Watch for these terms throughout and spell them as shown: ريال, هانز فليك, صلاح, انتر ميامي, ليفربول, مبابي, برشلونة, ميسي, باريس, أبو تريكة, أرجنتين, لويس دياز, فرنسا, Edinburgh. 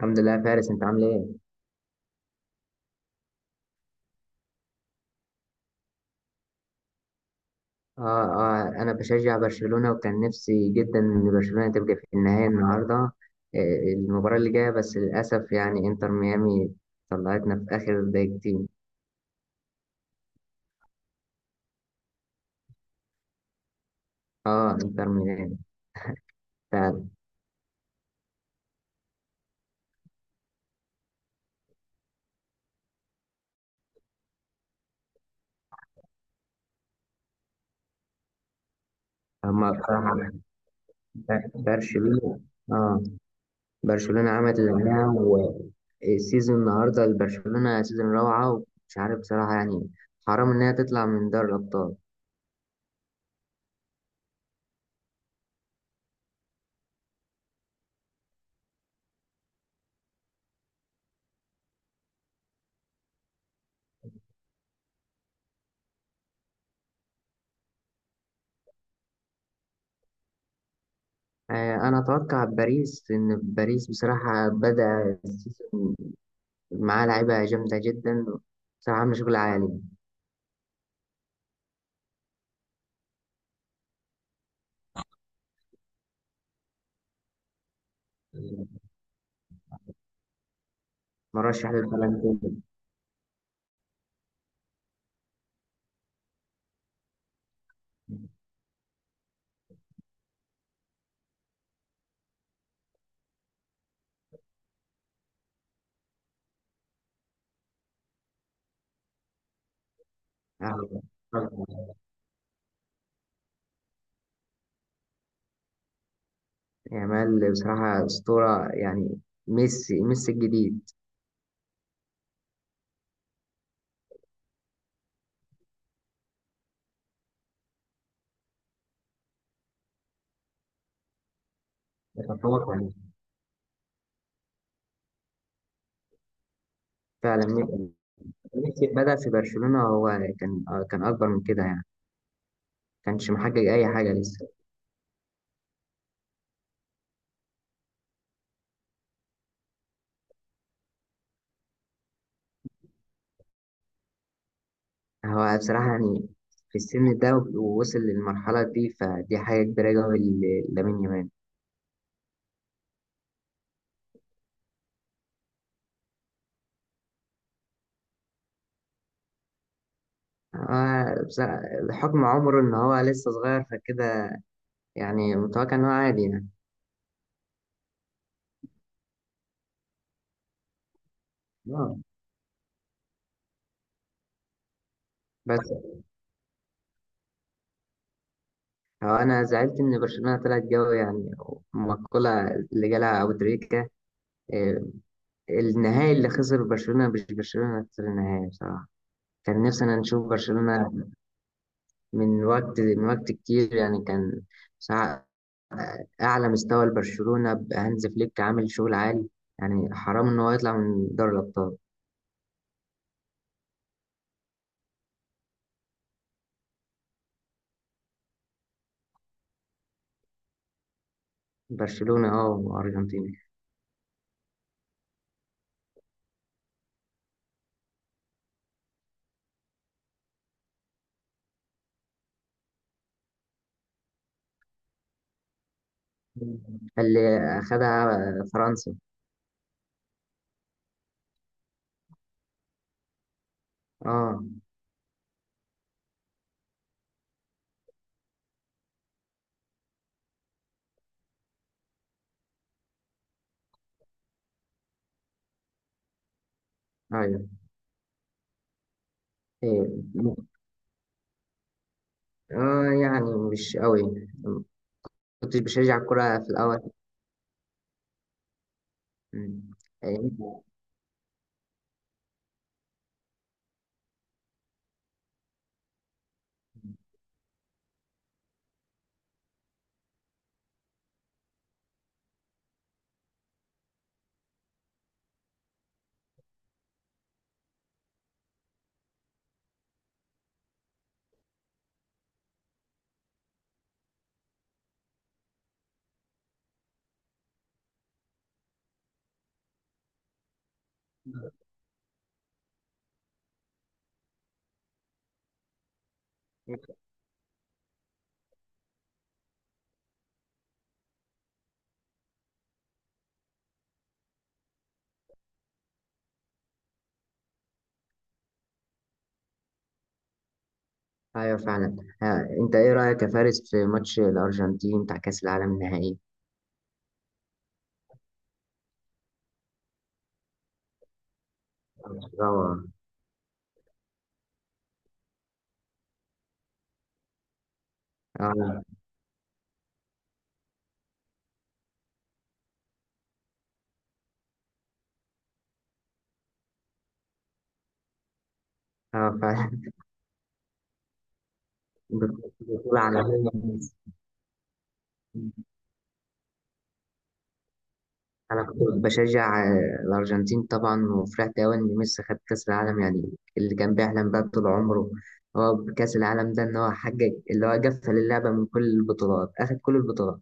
الحمد لله يا فارس، انت عامل ايه؟ اه انا بشجع برشلونة وكان نفسي جدا ان برشلونة تبقى في النهاية النهاردة. المباراة اللي جاية بس للأسف يعني انتر ميامي طلعتنا في آخر دقيقتين. اه انتر ميامي فعلا. هما بصراحة برشلونة. اه برشلونة عملت اللي عليها، والسيزون النهاردة لبرشلونة سيزون روعة ومش عارف بصراحة يعني حرام انها تطلع من دوري الأبطال. انا اتوقع باريس، ان باريس بصراحه بدا السيزون معاه لعيبه جامده جدا، بصراحه عامله شغل عالي. مرشح للبالون دور. آه، يامال بصراحه اسطوره يعني. ميسي الجديد. يتفوق عليه. فعلا. ميسي بدا في برشلونه، هو كان كان اكبر من كده يعني، كانش محقق اي حاجه لسه. هو بصراحه يعني في السن ده ووصل للمرحله دي، فدي حاجه كبيره قوي، لامين يامال. آه، بس- بحكم عمره إن هو لسه صغير فكده يعني متوقع إن هو عادي يعني. آه. بس هو أنا زعلت إن برشلونة طلعت جو يعني، المقولة اللي جالها أبو تريكة، آه، النهائي اللي خسر برشلونة، مش برشلونة خسر النهائي بصراحة. كان نفسي أنا نشوف برشلونة من وقت كتير يعني، كان بصراحة أعلى مستوى لبرشلونة، هانز فليك عامل شغل عالي، يعني حرام إن هو يطلع من دوري الأبطال. برشلونة أه وأرجنتين. اللي أخدها فرنسا. اه. ايوه. إيه. م- اه يعني مش قوي، كنتش بشجع الكرة في الأول. مم. إيه. ايوه فعلا. آه. انت ايه رأيك يا فارس في ماتش الأرجنتين بتاع كأس العالم النهائي؟ اه اه فعلا. بطولة عالمية. انا كنت بشجع الارجنتين طبعا، وفرحت قوي ان ميسي خد كاس العالم يعني، اللي كان بيحلم بقى طول عمره هو بكاس العالم ده، ان هو حقق اللي هو قفل اللعبه من كل البطولات، اخد كل البطولات.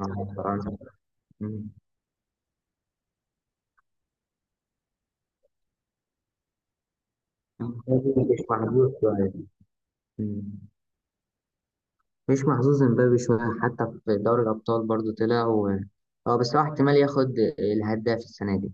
طبعاً. مم. مبابي مش محظوظ شويه. مم. مش محظوظ امبابي شويه، حتى في دوري الابطال برضو طلع و... هو بس هو احتمال ياخد الهداف السنه دي.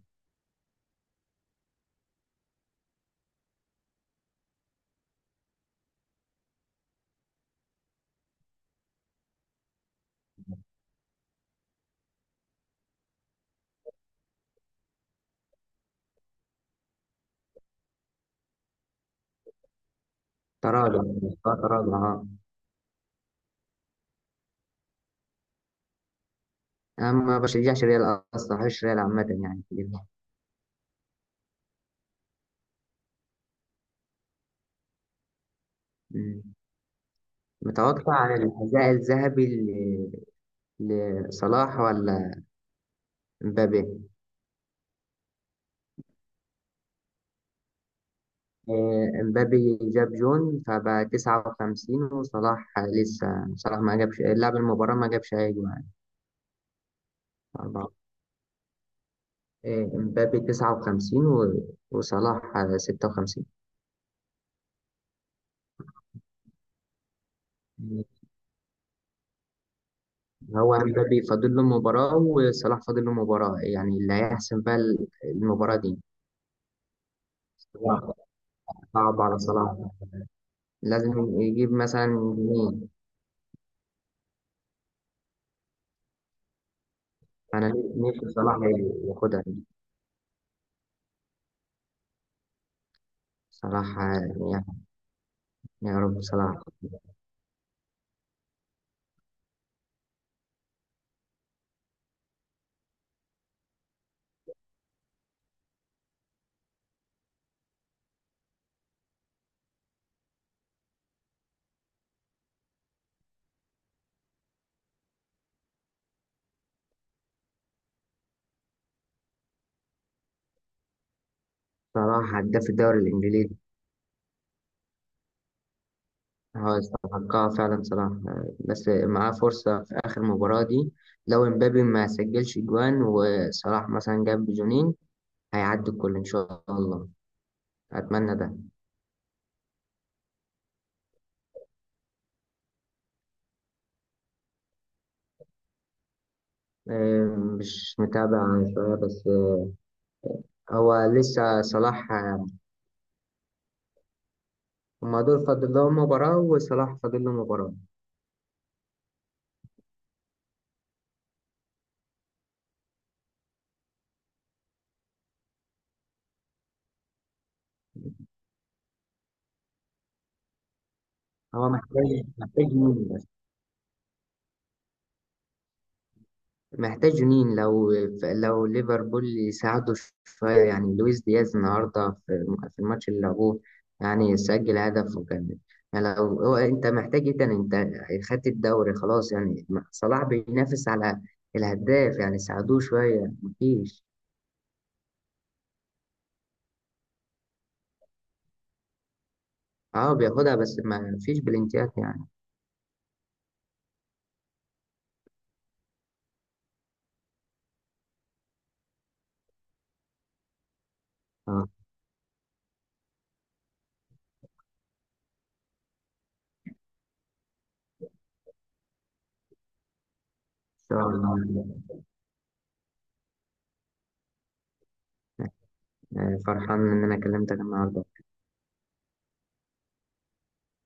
تراجع. تراجع اه. انا ما بشجعش ريال اصلا، ما بحبش ريال عامه يعني. مم. متوقع عن الحذاء الذهبي لصلاح ولا مبابي؟ مبابي جاب جون فبقى 59 وصلاح لسه. صلاح ما جابش، لعب المباراة ما جابش أي جون يعني. أربعة. مبابي 59 وصلاح 56. هو مبابي فاضل له مباراة وصلاح فاضل له مباراة، يعني اللي هيحسم بقى المباراة دي. صعب، صعب على صلاح. لازم يجيب مثلا جنيه. أنا نفسي صلاح ياخدها. صلاح يعني، يا رب صلاح. صلاح هداف الدوري الإنجليزي، هو يستحقها فعلا صلاح. بس معاه فرصة في آخر مباراة دي، لو امبابي ما سجلش جوان وصلاح مثلا جاب جونين هيعدي الكل إن شاء الله. أتمنى ده. مش متابع شوية بس. آه، هو لسه صلاح آه، هما دول فاضل لهم مباراة وصلاح فاضل له مباراة. هو محتاج، محتاج محتاج جنين، لو لو ليفربول يساعده شوية يعني. لويس دياز النهاردة في في الماتش اللي لعبوه يعني سجل هدف، وكان يعني لو هو، انت محتاج ايه تاني؟ انت خدت الدوري خلاص يعني، صلاح بينافس على الهداف، يعني ساعدوه شوية مفيش. اه بياخدها، بس ما فيش بلنتيات يعني. اه ان شاء الله. فرحان ان انا كلمتك النهاردة.